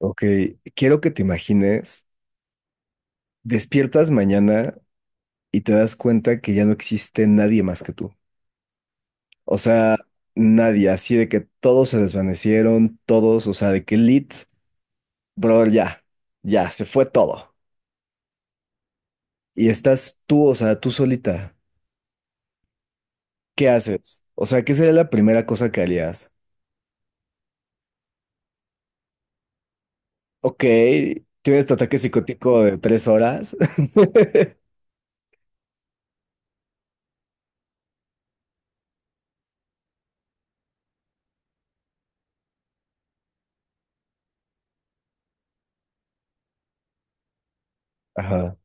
Ok, quiero que te imagines, despiertas mañana y te das cuenta que ya no existe nadie más que tú. O sea, nadie, así de que todos se desvanecieron, todos, brother, ya, ya, se fue todo. Y estás tú, o sea, tú solita. ¿Qué haces? O sea, ¿qué sería la primera cosa que harías? Ok, tienes tu ataque psicótico de 3 horas. Ajá.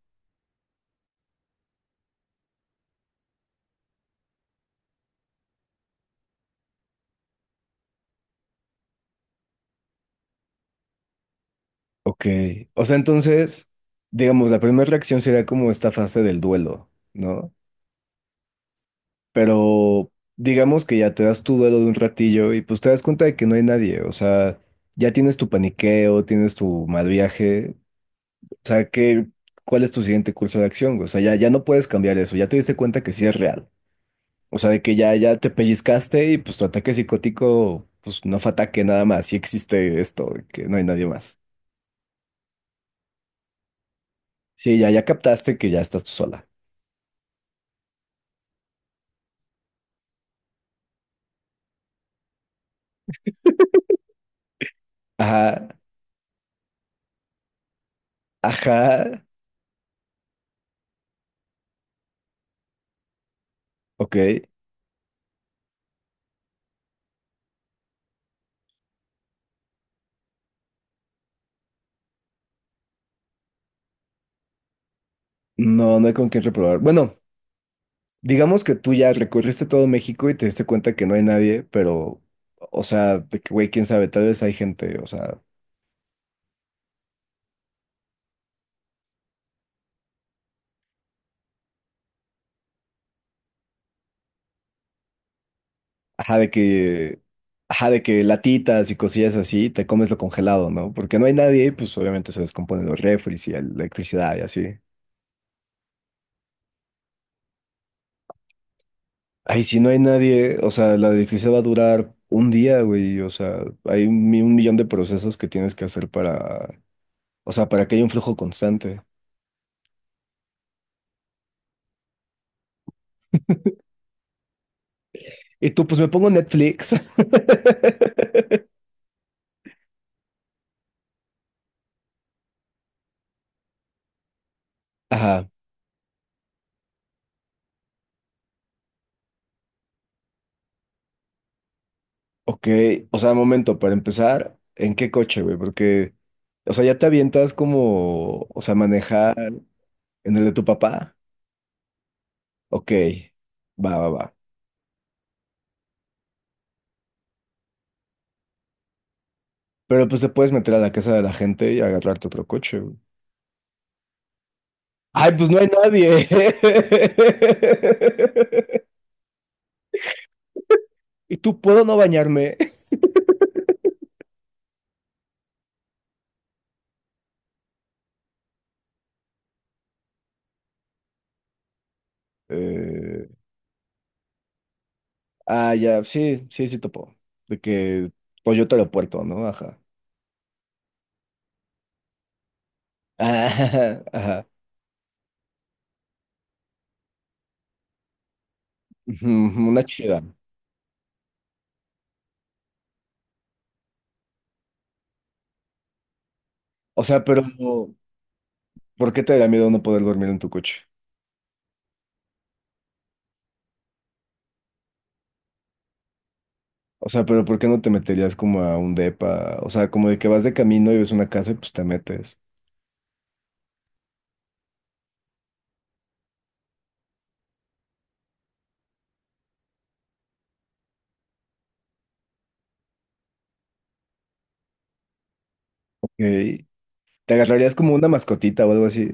Ok. O sea, entonces, digamos, la primera reacción sería como esta fase del duelo, ¿no? Pero digamos que ya te das tu duelo de un ratillo y pues te das cuenta de que no hay nadie. O sea, ya tienes tu paniqueo, tienes tu mal viaje. O sea, ¿qué, cuál es tu siguiente curso de acción, güey? O sea, ya, ya no puedes cambiar eso. Ya te diste cuenta que sí es real. O sea, de que ya, ya te pellizcaste y pues tu ataque psicótico, pues no fue ataque nada más. Sí existe esto, que no hay nadie más. Sí, ya, ya captaste que ya estás tú sola. Ajá. Ajá, ok. No, no hay con quién reprobar. Bueno, digamos que tú ya recorriste todo México y te diste cuenta que no hay nadie, pero, o sea, de que, güey, quién sabe, tal vez hay gente, o sea, ajá, de que, ajá, de que latitas y cosillas así, te comes lo congelado, ¿no? Porque no hay nadie, pues obviamente se descomponen los refris y la electricidad y así. Ay, si no hay nadie, o sea, la electricidad va a durar un día, güey, o sea, hay 1 millón de procesos que tienes que hacer para, o sea, para que haya un flujo constante. Y tú, pues me pongo Netflix. Ajá, ok. O sea, momento, para empezar, ¿en qué coche, güey? Porque, o sea, ya te avientas como, o sea, manejar en el de tu papá. Ok, va, va, va. Pero pues te puedes meter a la casa de la gente y agarrarte otro coche, güey. Ay, pues no hay nadie. ¿Y tú puedo no bañarme? Eh, ah, ya, sí, sí, sí topo. De que Toyota Aeropuerto, ¿no? Ajá. Ajá, ajá. Ujú, una chida. O sea, pero ¿por qué te daría miedo no poder dormir en tu coche? O sea, pero ¿por qué no te meterías como a un depa? O sea, como de que vas de camino y ves una casa y pues te metes. Ok. ¿Te agarrarías como una mascotita o algo así?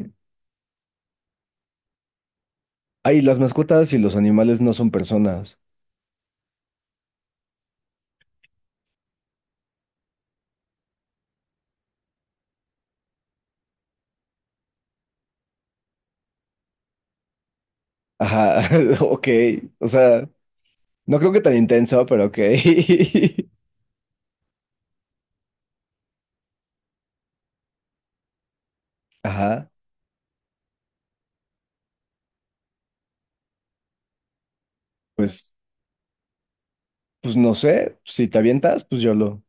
Ay, las mascotas y los animales no son personas. Ajá, ok. O sea, no creo que tan intenso, pero ok. Ajá. Pues, pues no sé. Si te avientas, pues yo lo.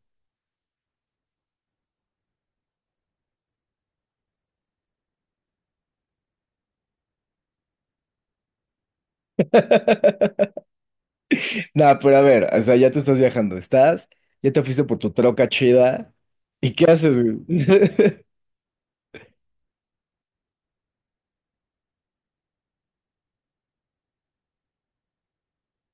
Nah, pero a ver, o sea, ya te estás viajando, estás, ya te fuiste por tu troca chida, ¿y qué haces, güey?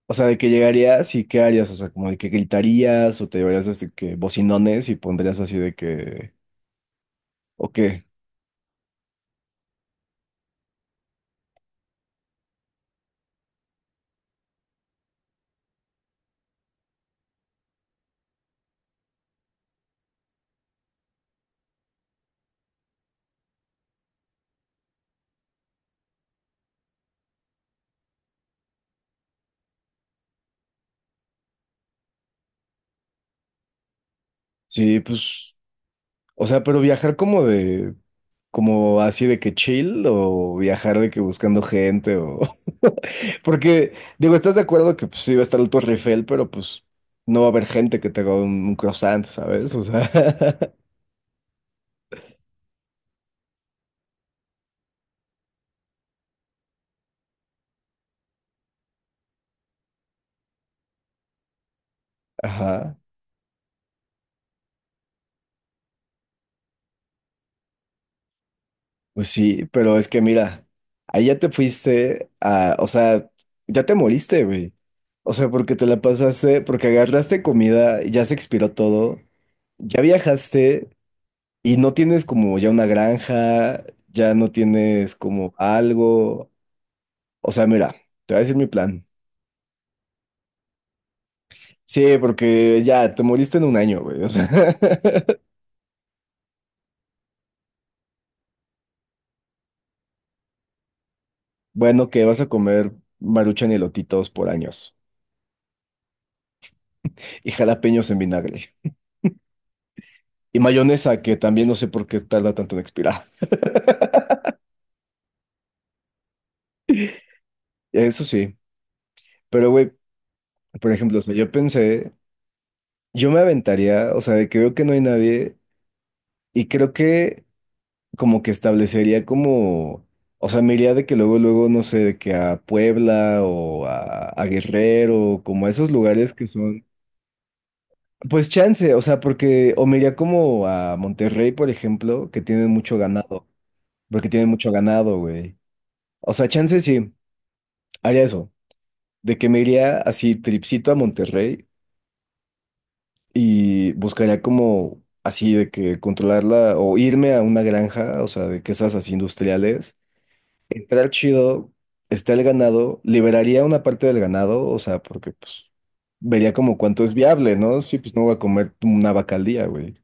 O sea, de que llegarías y qué harías, o sea, como de que gritarías o te llevarías este que bocinones y pondrías así de que, o qué, sí, pues, o sea, pero viajar como de, como así de que chill o viajar de que buscando gente o, porque, digo, estás de acuerdo que pues sí va a estar el Torre Eiffel, pero pues no va a haber gente que te haga un croissant, ¿sabes? O sea, ajá. Pues sí, pero es que mira, ahí ya te fuiste a, o sea, ya te moriste, güey. O sea, porque te la pasaste, porque agarraste comida, ya se expiró todo, ya viajaste y no tienes como ya una granja, ya no tienes como algo. O sea, mira, te voy a decir mi plan. Sí, porque ya te moriste en un año, güey. O sea, bueno, que vas a comer maruchan y elotitos por años y jalapeños en vinagre. Y mayonesa, que también no sé por qué tarda tanto en expirar. Eso sí. Pero, güey, por ejemplo, o sea, yo pensé, yo me aventaría, o sea, de que veo que no hay nadie, y creo que como que establecería como, o sea, me iría de que luego, luego, no sé, de que a Puebla o a Guerrero, como a esos lugares que son, pues chance, o sea, porque, o me iría como a Monterrey, por ejemplo, que tienen mucho ganado, porque tienen mucho ganado, güey. O sea, chance sí, haría eso. De que me iría así tripsito a Monterrey y buscaría como así de que controlarla o irme a una granja, o sea, de que esas así industriales, entrar chido, está el ganado, liberaría una parte del ganado, o sea, porque pues vería como cuánto es viable, ¿no? Sí, pues no voy a comer una vaca al día, güey.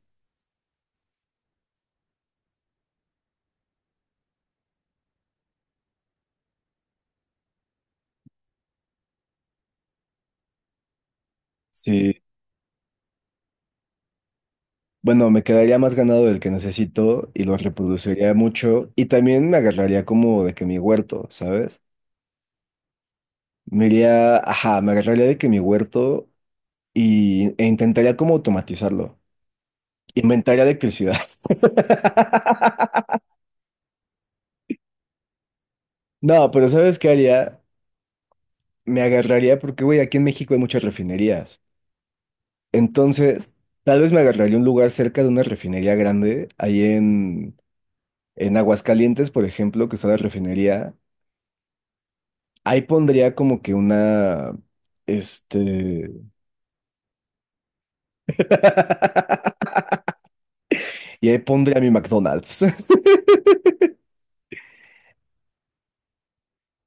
Sí. Bueno, me quedaría más ganado del que necesito y lo reproduciría mucho y también me agarraría como de que mi huerto, ¿sabes? Me iría, ajá, me agarraría de que mi huerto y, e intentaría como automatizarlo. Inventaría electricidad. No, pero ¿sabes qué haría? Me agarraría porque, güey, aquí en México hay muchas refinerías. Entonces, tal vez me agarraría un lugar cerca de una refinería grande, ahí en Aguascalientes, por ejemplo, que está la refinería. Ahí pondría como que una, este, y ahí pondría mi McDonald's.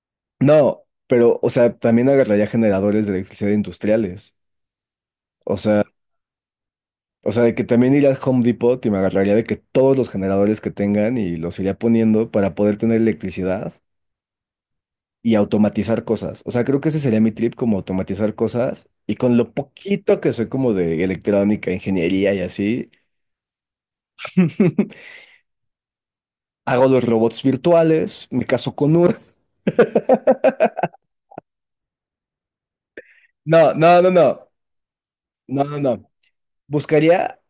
No, pero, o sea, también agarraría generadores de electricidad industriales. O sea... O sea, de que también iría al Home Depot y me agarraría de que todos los generadores que tengan y los iría poniendo para poder tener electricidad y automatizar cosas. O sea, creo que ese sería mi trip, como automatizar cosas. Y con lo poquito que soy como de electrónica, ingeniería y así, hago los robots virtuales, me caso con uno. No, no, no, no. No, no, no. Buscaría,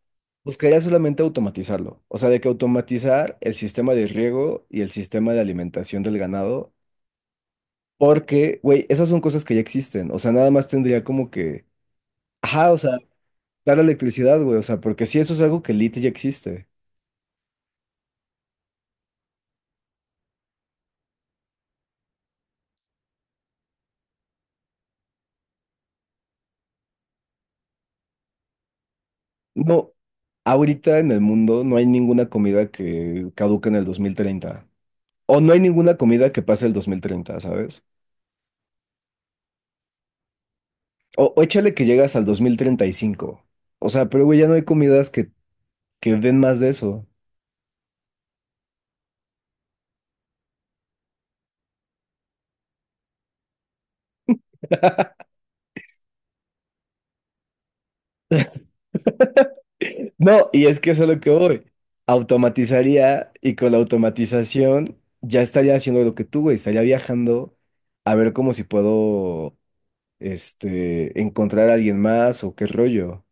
buscaría solamente automatizarlo. O sea, de que automatizar el sistema de riego y el sistema de alimentación del ganado. Porque, güey, esas son cosas que ya existen. O sea, nada más tendría como que. Ajá, o sea, dar electricidad, güey. O sea, porque si eso es algo que lit ya existe. No, ahorita en el mundo no hay ninguna comida que caduque en el 2030. O no hay ninguna comida que pase el 2030, ¿sabes? O échale que llegas al 2035. O sea, pero güey, ya no hay comidas que den más de eso. No, y es que eso es lo que voy. Automatizaría y con la automatización ya estaría haciendo lo que tú, güey. Estaría viajando a ver cómo si puedo, este, encontrar a alguien más o qué rollo.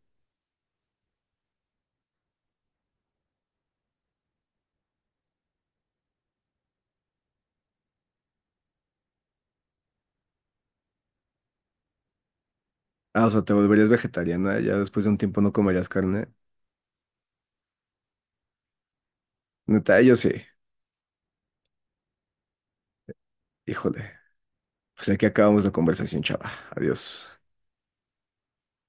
Ah, o sea, te volverías vegetariana, ya después de un tiempo no comerías carne. Neta, yo sí. Híjole. Pues aquí acabamos la conversación, chava. Adiós.